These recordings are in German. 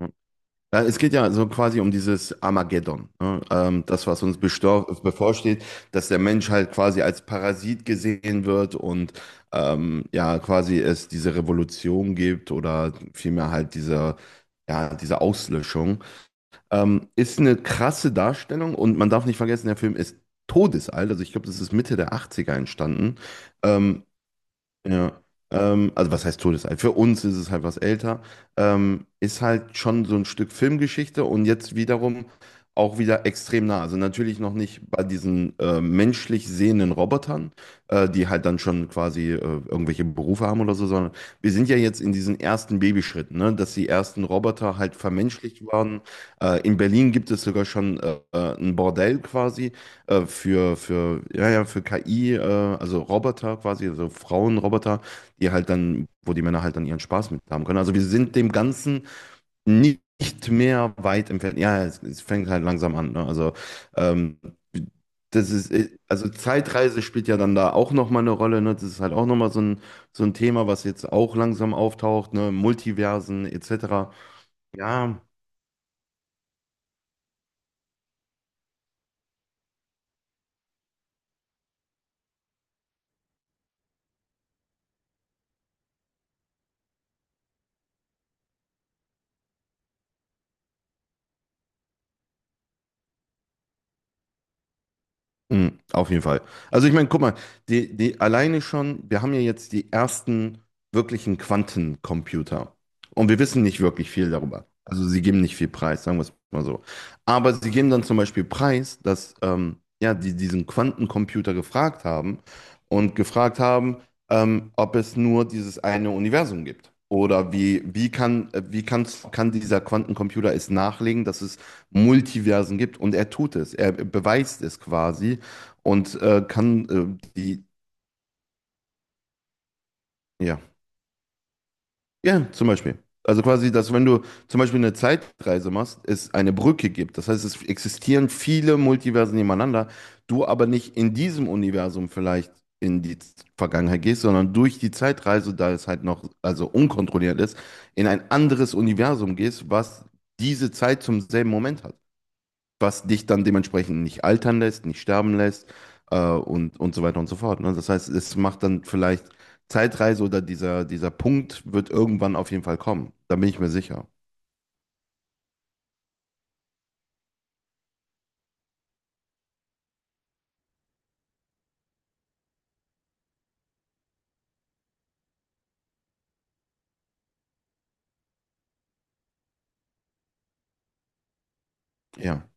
Ja, ja, es geht ja so quasi um dieses Armageddon, ne? Das, was uns bevorsteht, dass der Mensch halt quasi als Parasit gesehen wird und ja, quasi es diese Revolution gibt oder vielmehr halt diese, ja, diese Auslöschung. Ist eine krasse Darstellung, und man darf nicht vergessen, der Film ist todesalt, also ich glaube, das ist Mitte der Achtziger entstanden. Ähm, ja, also was heißt todesalt? Für uns ist es halt was älter. Ist halt schon so ein Stück Filmgeschichte, und jetzt wiederum auch wieder extrem nah. Also natürlich noch nicht bei diesen menschlich sehenden Robotern, die halt dann schon quasi irgendwelche Berufe haben oder so, sondern wir sind ja jetzt in diesen ersten Babyschritten, ne? Dass die ersten Roboter halt vermenschlicht waren. In Berlin gibt es sogar schon ein Bordell quasi, ja, ja, für KI, also Roboter quasi, also Frauenroboter, die halt dann, wo die Männer halt dann ihren Spaß mit haben können. Also wir sind dem Ganzen nicht mehr weit entfernt. Ja, es fängt halt langsam an, ne? Also, ähm, also Zeitreise spielt ja dann da auch nochmal eine Rolle, ne? Das ist halt auch nochmal so ein Thema, was jetzt auch langsam auftaucht, ne? Multiversen etc. Ja. Mhm, auf jeden Fall. Also ich meine, guck mal, die alleine schon, wir haben ja jetzt die ersten wirklichen Quantencomputer. Und wir wissen nicht wirklich viel darüber. Also sie geben nicht viel preis, sagen wir es mal so. Aber sie geben dann zum Beispiel preis, dass ja, die diesen Quantencomputer gefragt haben und gefragt haben, ob es nur dieses eine Universum gibt. Oder wie, wie kann, wie kann's, kann dieser Quantencomputer es nachlegen, dass es Multiversen gibt? Und er tut es. Er beweist es quasi, und kann die, ja, ja, zum Beispiel. Also quasi, dass wenn du zum Beispiel eine Zeitreise machst, es eine Brücke gibt. Das heißt, es existieren viele Multiversen nebeneinander, du aber nicht in diesem Universum vielleicht in die Vergangenheit gehst, sondern durch die Zeitreise, da es halt noch, also unkontrolliert ist, in ein anderes Universum gehst, was diese Zeit zum selben Moment hat, was dich dann dementsprechend nicht altern lässt, nicht sterben lässt, und so weiter und so fort. Ne? Das heißt, es macht dann vielleicht Zeitreise oder dieser Punkt wird irgendwann auf jeden Fall kommen. Da bin ich mir sicher. Ja.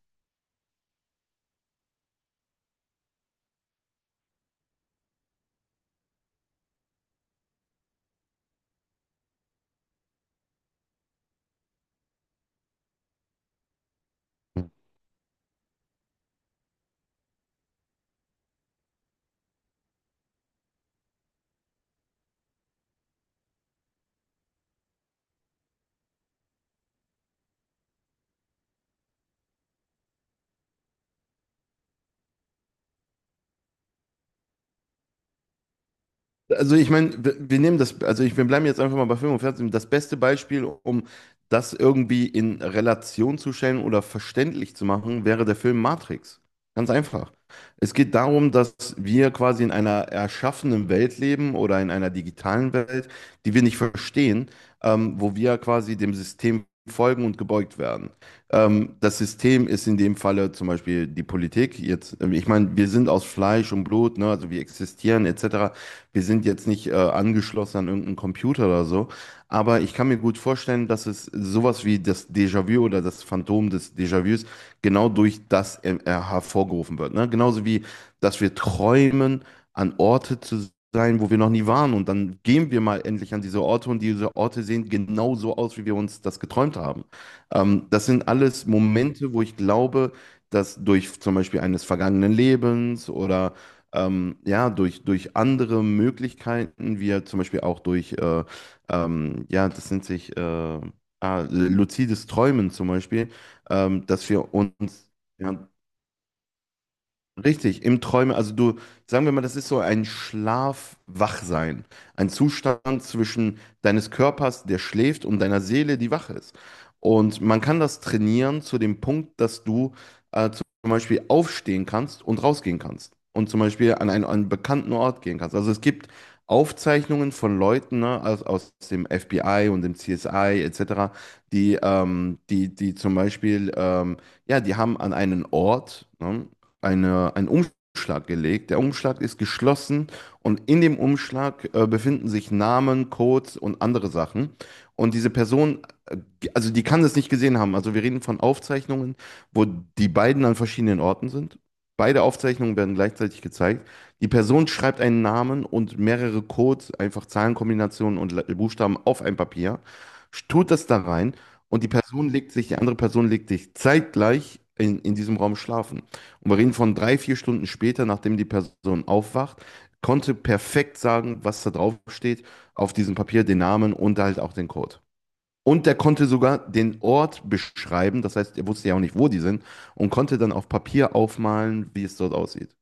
Also ich meine, wir nehmen wir bleiben jetzt einfach mal bei Film und Fernsehen. Das beste Beispiel, um das irgendwie in Relation zu stellen oder verständlich zu machen, wäre der Film Matrix. Ganz einfach. Es geht darum, dass wir quasi in einer erschaffenen Welt leben oder in einer digitalen Welt, die wir nicht verstehen, wo wir quasi dem System folgen und gebeugt werden. Das System ist in dem Falle zum Beispiel die Politik. Jetzt, ich meine, wir sind aus Fleisch und Blut, ne? Also wir existieren etc. Wir sind jetzt nicht angeschlossen an irgendeinen Computer oder so, aber ich kann mir gut vorstellen, dass es sowas wie das Déjà-vu oder das Phantom des Déjà-vus genau durch das hervorgerufen wird. Ne? Genauso wie, dass wir träumen, an Orte zu sein, wo wir noch nie waren, und dann gehen wir mal endlich an diese Orte, und diese Orte sehen genau so aus, wie wir uns das geträumt haben. Das sind alles Momente, wo ich glaube, dass durch zum Beispiel eines vergangenen Lebens oder ja, durch andere Möglichkeiten, wie ja zum Beispiel auch durch, ja, das nennt sich luzides Träumen zum Beispiel, dass wir uns, ja, richtig, im Träume, also du, sagen wir mal, das ist so ein Schlaf-Wachsein, ein Zustand zwischen deines Körpers, der schläft, und deiner Seele, die wach ist. Und man kann das trainieren zu dem Punkt, dass du zum Beispiel aufstehen kannst und rausgehen kannst und zum Beispiel an einen bekannten Ort gehen kannst. Also es gibt Aufzeichnungen von Leuten, ne, aus dem FBI und dem CSI etc., die, die zum Beispiel, ja, die haben an einen Ort, ne? Eine, einen Umschlag gelegt. Der Umschlag ist geschlossen, und in dem Umschlag befinden sich Namen, Codes und andere Sachen. Und diese Person, äh, also die kann das nicht gesehen haben. Also wir reden von Aufzeichnungen, wo die beiden an verschiedenen Orten sind. Beide Aufzeichnungen werden gleichzeitig gezeigt. Die Person schreibt einen Namen und mehrere Codes, einfach Zahlenkombinationen und Buchstaben auf ein Papier, tut das da rein, und die Person legt sich, die andere Person legt sich zeitgleich in diesem Raum schlafen. Und wir reden von 3, 4 Stunden später, nachdem die Person aufwacht, konnte perfekt sagen, was da drauf steht, auf diesem Papier, den Namen und halt auch den Code. Und der konnte sogar den Ort beschreiben, das heißt, er wusste ja auch nicht, wo die sind, und konnte dann auf Papier aufmalen, wie es dort aussieht.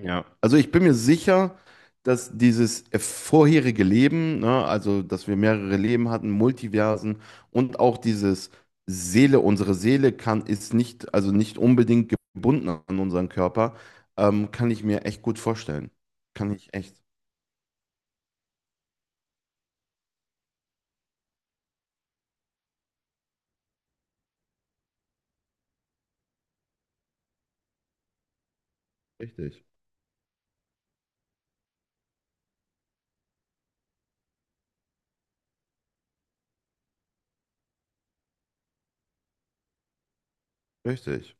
Ja, also ich bin mir sicher, dass dieses vorherige Leben, ne, also dass wir mehrere Leben hatten, Multiversen, und auch dieses Seele, unsere Seele kann, ist nicht, also nicht unbedingt gebunden an unseren Körper, kann ich mir echt gut vorstellen. Kann ich echt. Richtig. Richtig.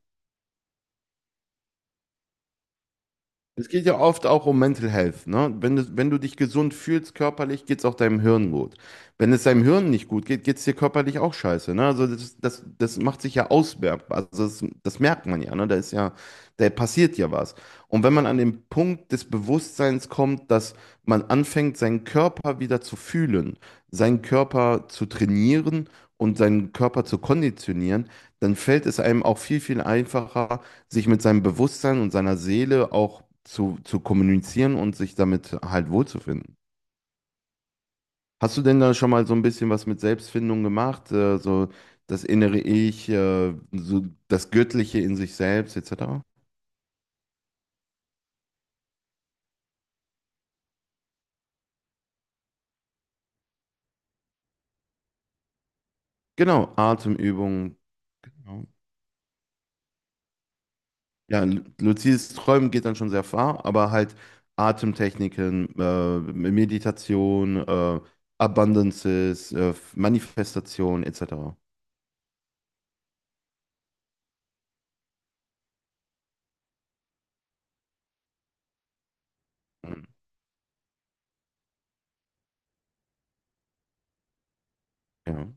Es geht ja oft auch um Mental Health, ne? Wenn du, wenn du dich gesund fühlst körperlich, geht es auch deinem Hirn gut. Wenn es deinem Hirn nicht gut geht, geht es dir körperlich auch scheiße, ne? Also das macht sich ja auswertbar. Also das merkt man ja, ne? Da ist ja, da passiert ja was. Und wenn man an den Punkt des Bewusstseins kommt, dass man anfängt, seinen Körper wieder zu fühlen, seinen Körper zu trainieren und seinen Körper zu konditionieren, dann fällt es einem auch viel, viel einfacher, sich mit seinem Bewusstsein und seiner Seele auch zu kommunizieren und sich damit halt wohlzufinden. Hast du denn da schon mal so ein bisschen was mit Selbstfindung gemacht? So das innere Ich, so das Göttliche in sich selbst, etc.? Genau, Atemübungen. Ja. Ja, luzides Träumen geht dann schon sehr far, aber halt Atemtechniken, Meditation, Abundances, Manifestation, etc. Mhm. Ja,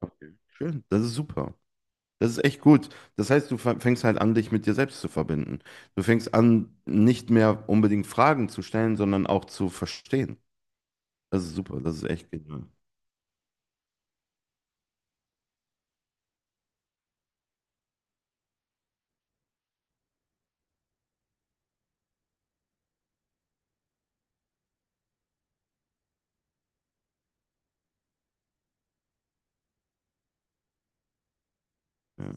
okay. Schön, das ist super. Das ist echt gut. Das heißt, du fängst halt an, dich mit dir selbst zu verbinden. Du fängst an, nicht mehr unbedingt Fragen zu stellen, sondern auch zu verstehen. Das ist super, das ist echt genial. Ja,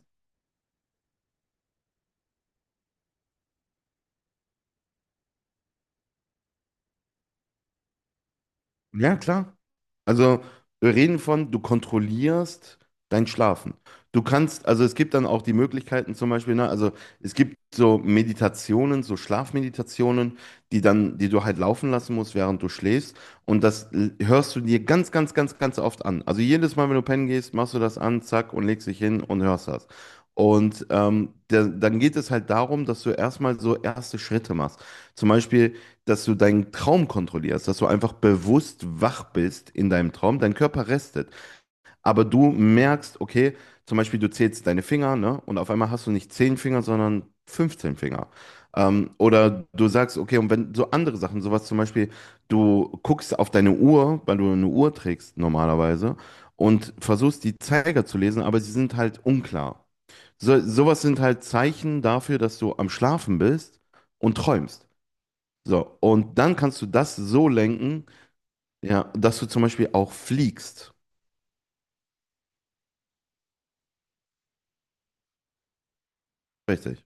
ja klar. Also, wir reden von, du kontrollierst dein Schlafen. Du kannst, also es gibt dann auch die Möglichkeiten zum Beispiel, ne, also es gibt so Meditationen, so Schlafmeditationen, die dann, die du halt laufen lassen musst, während du schläfst. Und das hörst du dir ganz, ganz, ganz, ganz oft an. Also jedes Mal, wenn du pennen gehst, machst du das an, zack, und legst dich hin und hörst das. Und der, dann geht es halt darum, dass du erstmal so erste Schritte machst. Zum Beispiel, dass du deinen Traum kontrollierst, dass du einfach bewusst wach bist in deinem Traum, dein Körper restet. Aber du merkst, okay, zum Beispiel du zählst deine Finger, ne? Und auf einmal hast du nicht 10 Finger, sondern 15 Finger. Oder du sagst, okay, und wenn so andere Sachen, sowas zum Beispiel, du guckst auf deine Uhr, weil du eine Uhr trägst normalerweise, und versuchst die Zeiger zu lesen, aber sie sind halt unklar. So, sowas sind halt Zeichen dafür, dass du am Schlafen bist und träumst. So, und dann kannst du das so lenken, ja, dass du zum Beispiel auch fliegst. Richtig.